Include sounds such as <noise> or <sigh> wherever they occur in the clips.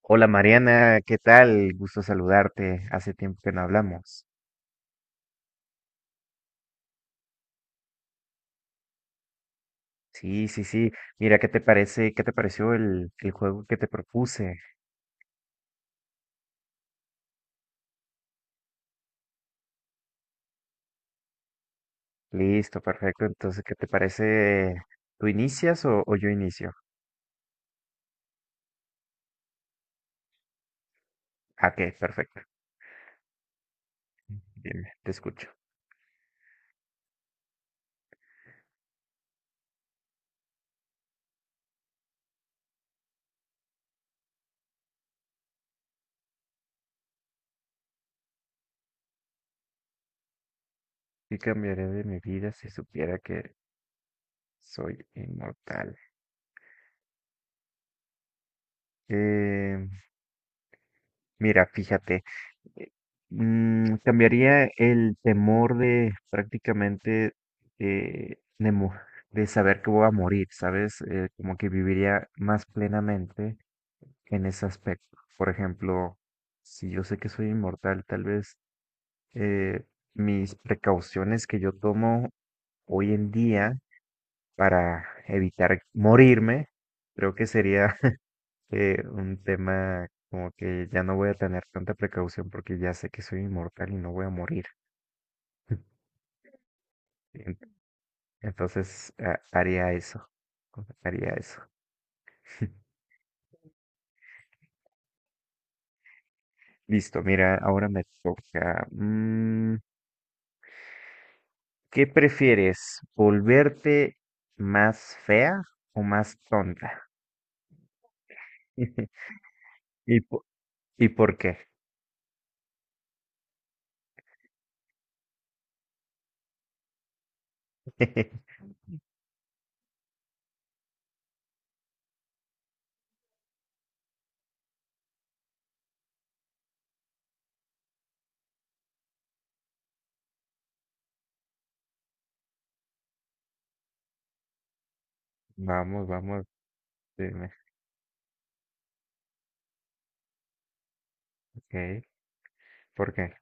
Hola Mariana, ¿qué tal? Gusto saludarte. Hace tiempo que no hablamos. Sí, sí, sí. Mira, ¿qué te parece? ¿Qué te pareció el juego que te propuse? Listo, perfecto. Entonces, ¿qué te parece? ¿Tú inicias o yo inicio? Ah, ok, perfecto. Bien, te escucho. ¿Qué cambiaría de mi vida si supiera que soy inmortal? Eh, Mira, fíjate. eh, cambiaría el temor de prácticamente eh, de, mo- de saber que voy a morir, ¿sabes? Como que viviría más plenamente en ese aspecto. Por ejemplo, si yo sé que soy inmortal, tal vez eh, mis precauciones que yo tomo hoy en día para evitar morirme, creo que sería <laughs> un tema como que ya no voy a tener tanta precaución porque ya sé que soy inmortal y no voy a morir. En- Entonces, haría eso. Haría eso. <laughs> Listo, mira, ahora me toca. Mm, ¿qué prefieres? ¿Volverte más fea o más tonta? <laughs> ¿Y, po- ¿Y por qué? <laughs> Vamos, vamos, dime. Ok, ¿por qué?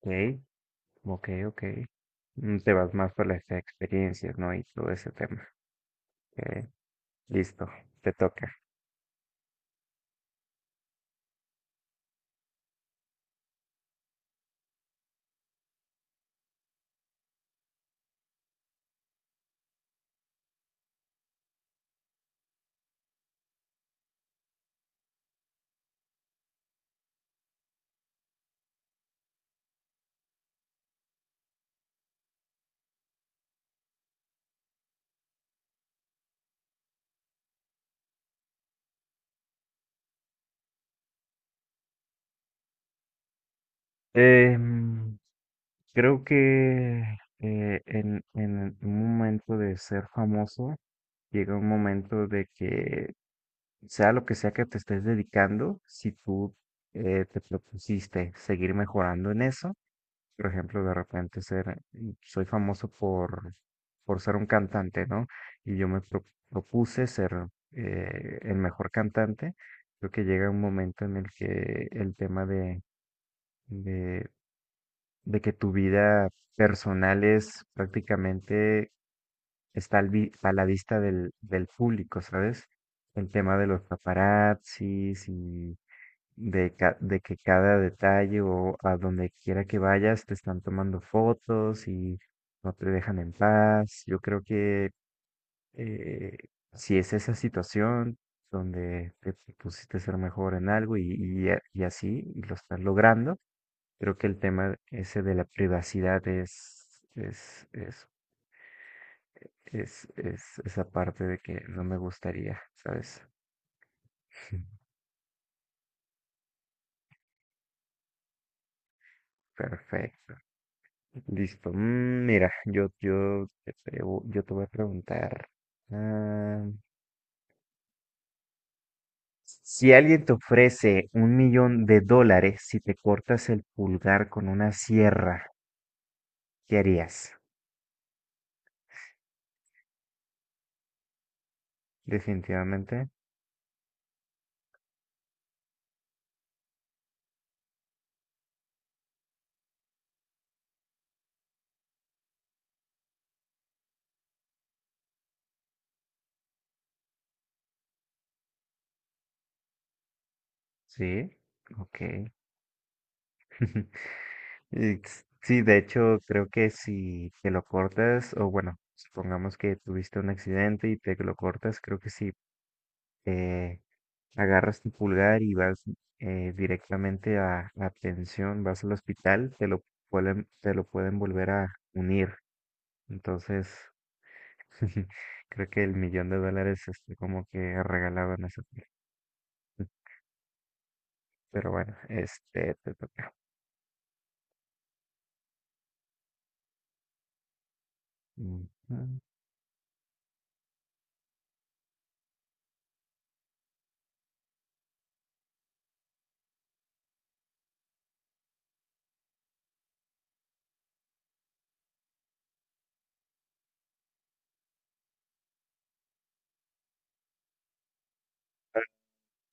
Ok, ok, ok. Mm, te vas más por las experiencias, ¿no? Y todo ese tema. Ok, listo, te toca. Em, creo que en un momento de ser famoso, llega un momento de que, sea lo que sea que te estés dedicando, si tú te propusiste seguir mejorando en eso, por ejemplo, de repente ser, soy famoso por ser un cantante, ¿no? Y yo me propuse ser el mejor cantante. Creo que llega un momento en el que el tema de que tu vida personal es prácticamente está al a la vista del público, ¿sabes? El tema de los paparazzis y de, de que cada detalle o a donde quiera que vayas te están tomando fotos y no te dejan en paz. Yo creo que eh, si es esa situación donde te pusiste a ser mejor en algo y, y así y lo estás logrando, creo que el tema ese de la privacidad es esa parte de que no me gustaría, ¿sabes? <laughs> Perfecto. Listo. Mm, mira, te yo te voy a preguntar. ah, si alguien te ofrece $1 millón si te cortas el pulgar con una sierra, ¿qué harías? Definitivamente, sí. Ok. <laughs> Y sí, de hecho, creo que si te lo cortas, o bueno, supongamos que tuviste un accidente y te lo cortas, creo que si eh, agarras tu pulgar y vas directamente a la atención, vas al hospital, te lo pueden volver a unir. Entonces, <laughs> creo que el millón de dólares este, como que regalaban eso. Pero bueno, este te toca. Ujú.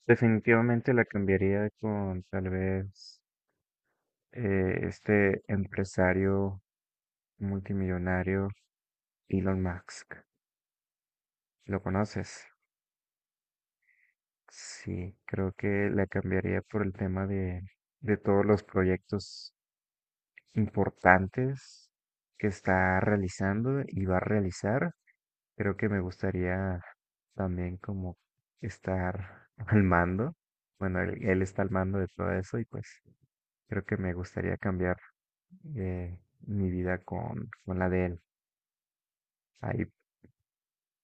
Definitivamente la cambiaría con tal vez. Este empresario multimillonario Elon Musk. ¿Lo conoces? Sí, creo que la cambiaría por el tema de todos los proyectos importantes que está realizando y va a realizar. Creo que me gustaría también como estar <laughs> al mando. Bueno, él está al mando de todo eso y pues creo que me gustaría cambiar mi vida con la de él. Ahí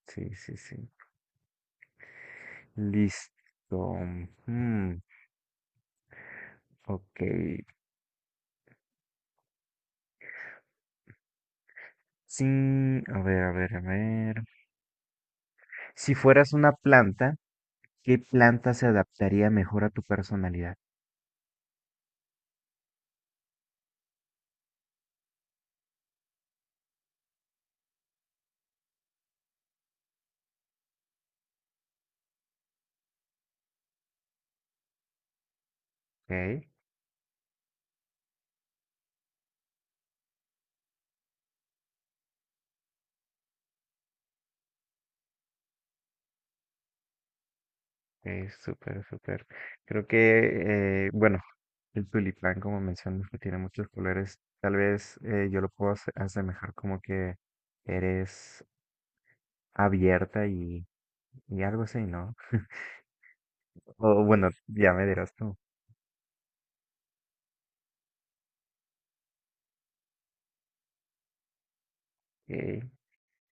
sí, sí, sí. Listo. Hmm, ok. Sí, a ver, a ver, a ver. Si fueras una planta, ¿qué planta se adaptaría mejor a tu personalidad? Ok, es súper, súper. Creo que, bueno, el tulipán, como mencionas, que tiene muchos colores, tal vez yo lo puedo asemejar como que eres abierta y algo así, ¿no? O bueno, ya me dirás tú. Ok,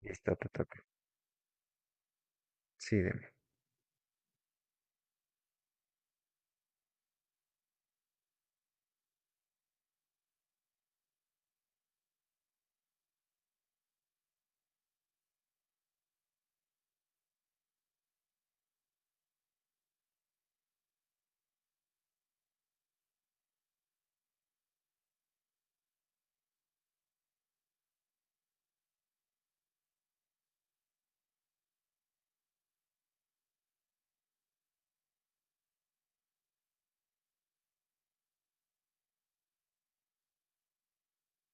listo, te toca. Sí, dime.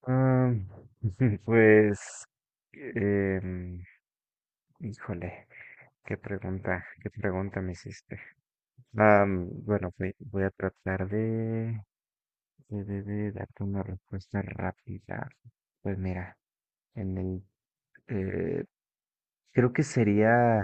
Ah, <laughs> pues, em, híjole, qué pregunta me hiciste. Ah, bueno, voy, voy a tratar de, de darte una respuesta rápida. Pues mira, en el, eh, creo que sería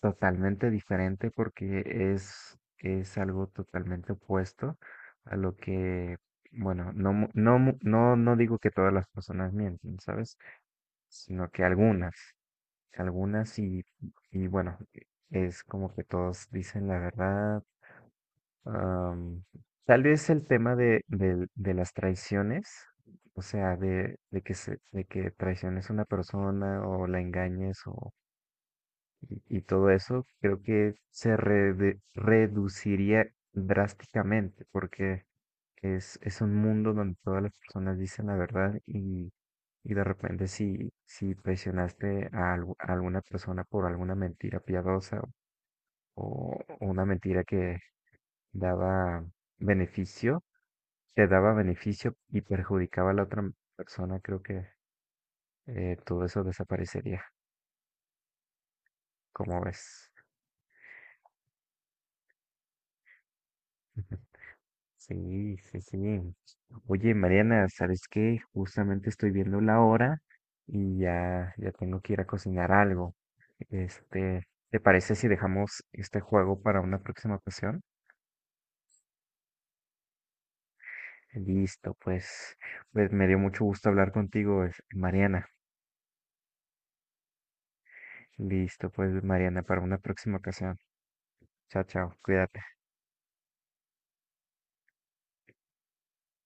totalmente diferente porque es algo totalmente opuesto a lo que, bueno, no, no, no, no digo que todas las personas mienten, ¿sabes? Sino que algunas, algunas y bueno, es como que todos dicen la verdad. am, Tal vez el tema de, de las traiciones, o sea, de que se, de que traiciones a una persona o la engañes o y todo eso, creo que se reduciría drásticamente porque es un mundo donde todas las personas dicen la verdad y de repente si, si presionaste a, a alguna persona por alguna mentira piadosa o una mentira que daba beneficio, te daba beneficio y perjudicaba a la otra persona, creo que todo eso desaparecería, como ves. <laughs> Sí, sí, sí. Oye, Mariana, ¿sabes qué? Justamente estoy viendo la hora y ya, ya tengo que ir a cocinar algo. Este, ¿te parece si dejamos este juego para una próxima ocasión? Listo, pues, pues me dio mucho gusto hablar contigo, Mariana. Listo, pues, Mariana, para una próxima ocasión. Chao, chao, cuídate.